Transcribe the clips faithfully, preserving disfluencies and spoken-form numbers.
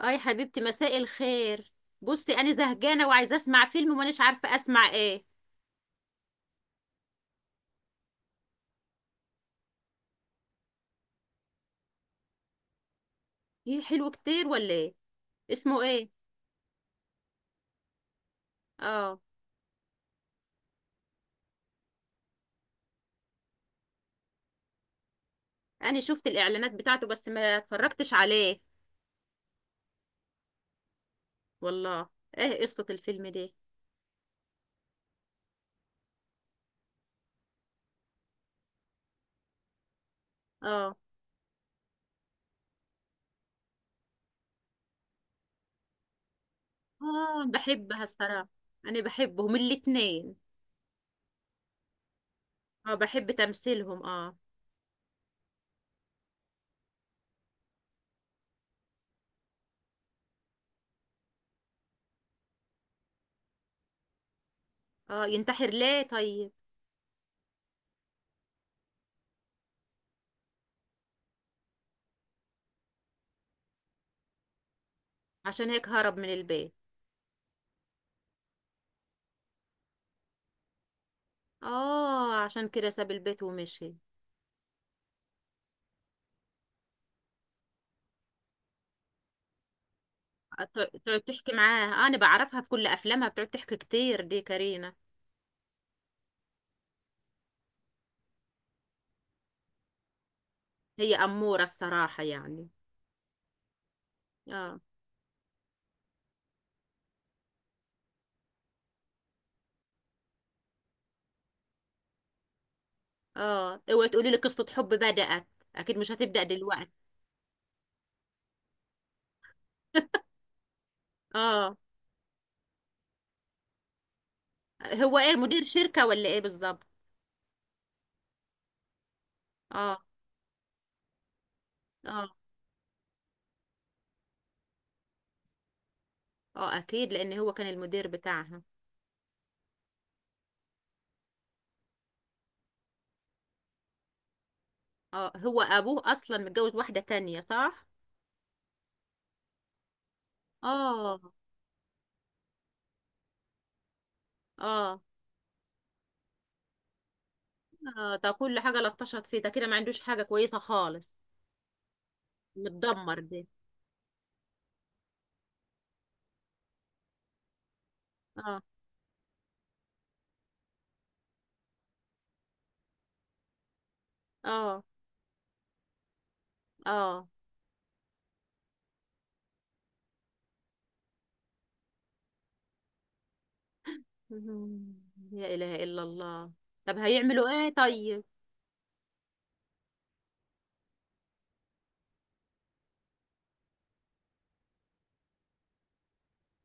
اه يا حبيبتي، مساء الخير. بصي، انا زهقانه وعايزه اسمع فيلم ومانيش عارفه اسمع ايه. ايه، حلو كتير ولا ايه؟ اسمه ايه؟ اه. انا شفت الاعلانات بتاعته بس ما اتفرجتش عليه. والله؟ ايه قصه الفيلم ده؟ اه. اه، بحبها الصراحه. انا بحبهم الاتنين. اه، بحب تمثيلهم اه. اه، ينتحر ليه طيب؟ عشان هيك هرب من البيت؟ اه، عشان كده ساب البيت ومشي. ت- تقعد تحكي معاها، انا بعرفها في كل افلامها بتقعد تحكي كتير دي كارينا. هي اموره الصراحه يعني. اه. اه، اوعي تقولي لي قصه حب بدات. اكيد مش هتبدا دلوقتي. اه، هو ايه، مدير شركه ولا ايه بالظبط؟ اه، اه، اه، اكيد لان هو كان المدير بتاعها. اه، هو ابوه اصلا متجوز واحده تانية، صح؟ اه، اه، اه، ده كل حاجه لطشت فيه، ده كده ما عندوش حاجه كويسه خالص. متدمر دي. اه، اه، اه، مهم. لا إله إلا الله. طب هيعملوا إيه طيب؟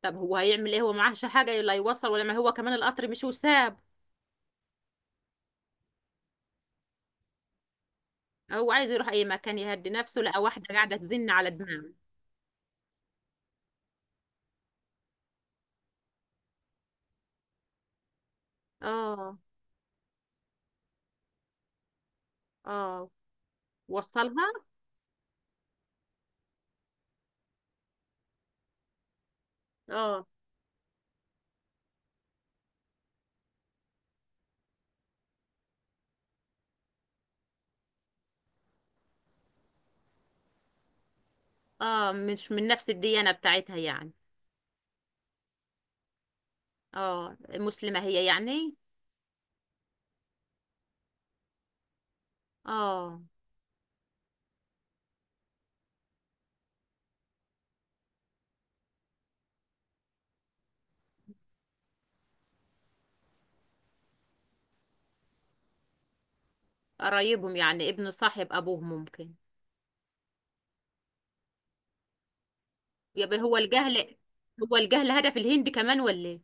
طب هو هيعمل إيه، هو معهش حاجة، لا يوصل ولا ما هو كمان القطر مش وساب. هو عايز يروح أي مكان يهدي نفسه، لقى واحدة قاعدة تزن على دماغه. آه. آه، وصلها. آه. آه، مش من نفس الديانة بتاعتها يعني. آه، مسلمة هي يعني؟ آه. قرايبهم يعني، ابن صاحب أبوهم ممكن. يبقى هو الجهل. هو الجهل هدف الهند كمان ولا إيه؟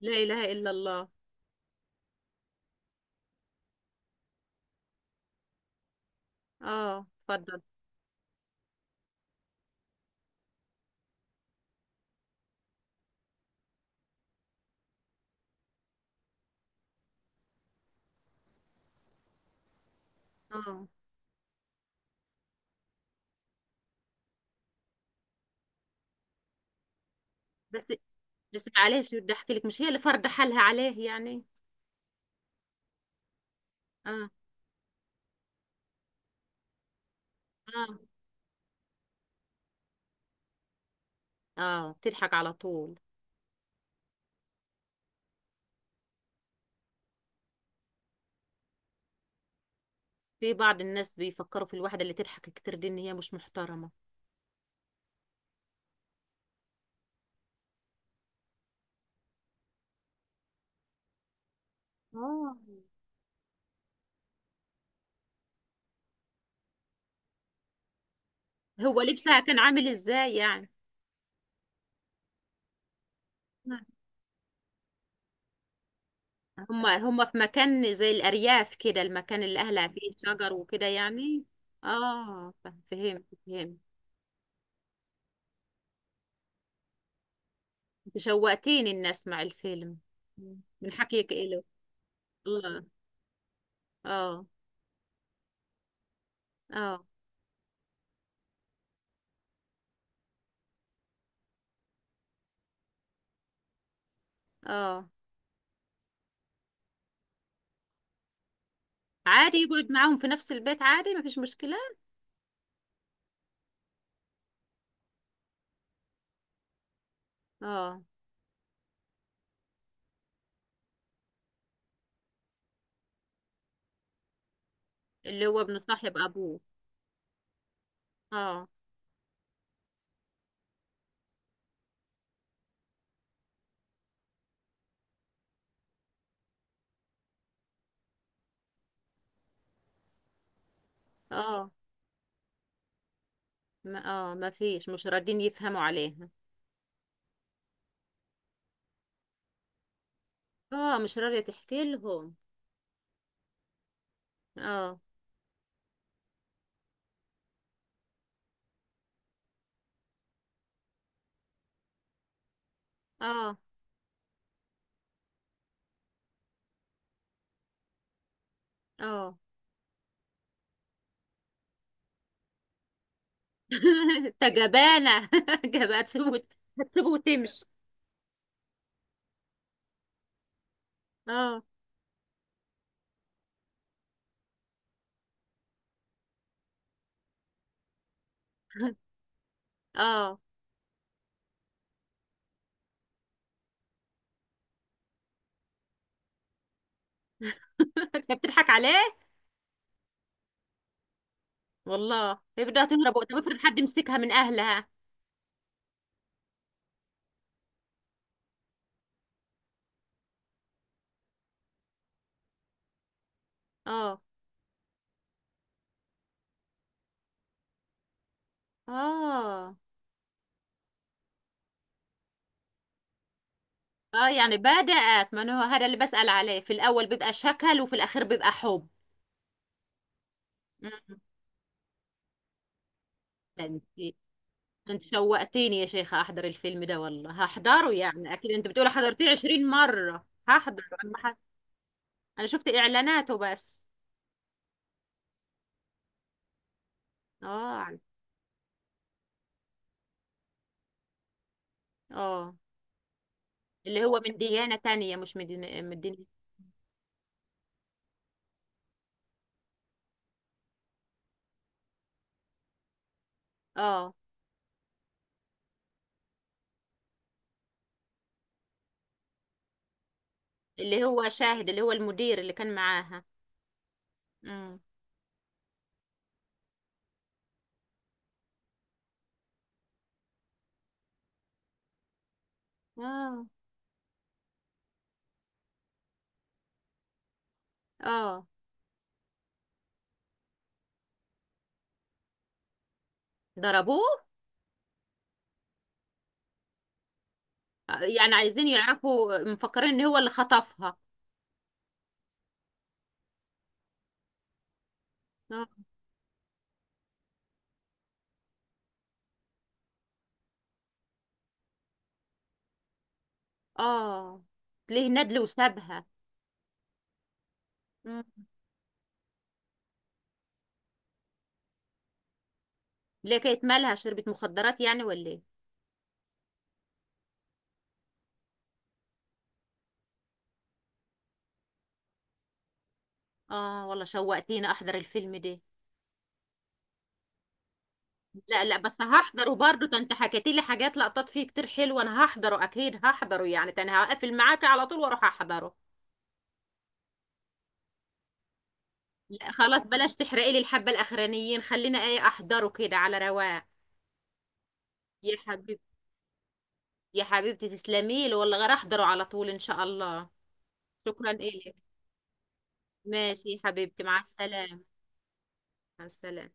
لا إله إلا الله. آه، اتفضل. اه. بس، بس معلش بدي احكي لك، مش هي اللي فرض حالها عليه يعني؟ اه، اه، اه، بتضحك على طول. في بعض الناس بيفكروا في الواحدة اللي تضحك كتير دي ان هي مش محترمة. اه، هو لبسها كان عامل ازاي يعني؟ هم هم في مكان زي الأرياف كده، المكان اللي أهلها فيه شجر وكده يعني. اه، فهم- فهمت فهمت. انت شوقتيني إني أسمع الفيلم من حكيك إله. الله. اه، اه، اه، عادي يقعد معاهم في نفس البيت، عادي مفيش مشكلة. اه، اللي هو ابن صاحب ابوه. اه. اه، ما اه، مفيش، مش راضين يفهموا عليها. اه، مش راضية تحكي لهم. اه، اه، اه، انت جبانة. جبانة هتسيبه وت- هتسيبه وتمشي. اه، اه، انت بتضحك عليه. والله يبدأ تهرب، طب افرض حد مسكها من اهلها؟ اه، اه، اه، يعني بدأت، ما أنا هو هذا اللي بسأل عليه، في الاول بيبقى شكل وفي الاخير بيبقى حب. مم. ده انت، انت شوقتيني يا شيخة احضر الفيلم ده، والله هحضره يعني. اكيد انت بتقولي حضرتيه عشرين مرة، هحضر انا ح... انا شفت اعلاناته بس. اه، عن- اه، اللي هو من ديانة تانية مش من دين... من دين... اه، اللي هو شاهد، اللي هو المدير اللي كان معاها. امم. اه، اه، ضربوه. يعني عايزين يعرفوا، مفكرين ان هو اللي خطفها. اه، اه، ليه ندل وسابها. مم. ليه، كانت مالها، شربت مخدرات يعني ولا ايه؟ اه والله شوقتيني احضر الفيلم ده. لا لا، بس هحضره برضه. ده انت حكيتي لي حاجات لقطات فيه كتير حلوه، انا هحضره اكيد، هحضره يعني. ده انا هقفل معاكي على طول واروح احضره. لا خلاص، بلاش تحرقي لي الحبه الاخرانيين، خلينا ايه احضره كده على رواق. يا حبيبتي، يا حبيبتي، تسلمي لي والله، غير احضره على طول ان شاء الله. شكرا إلك. ماشي يا حبيبتي، مع السلامه. مع السلامه.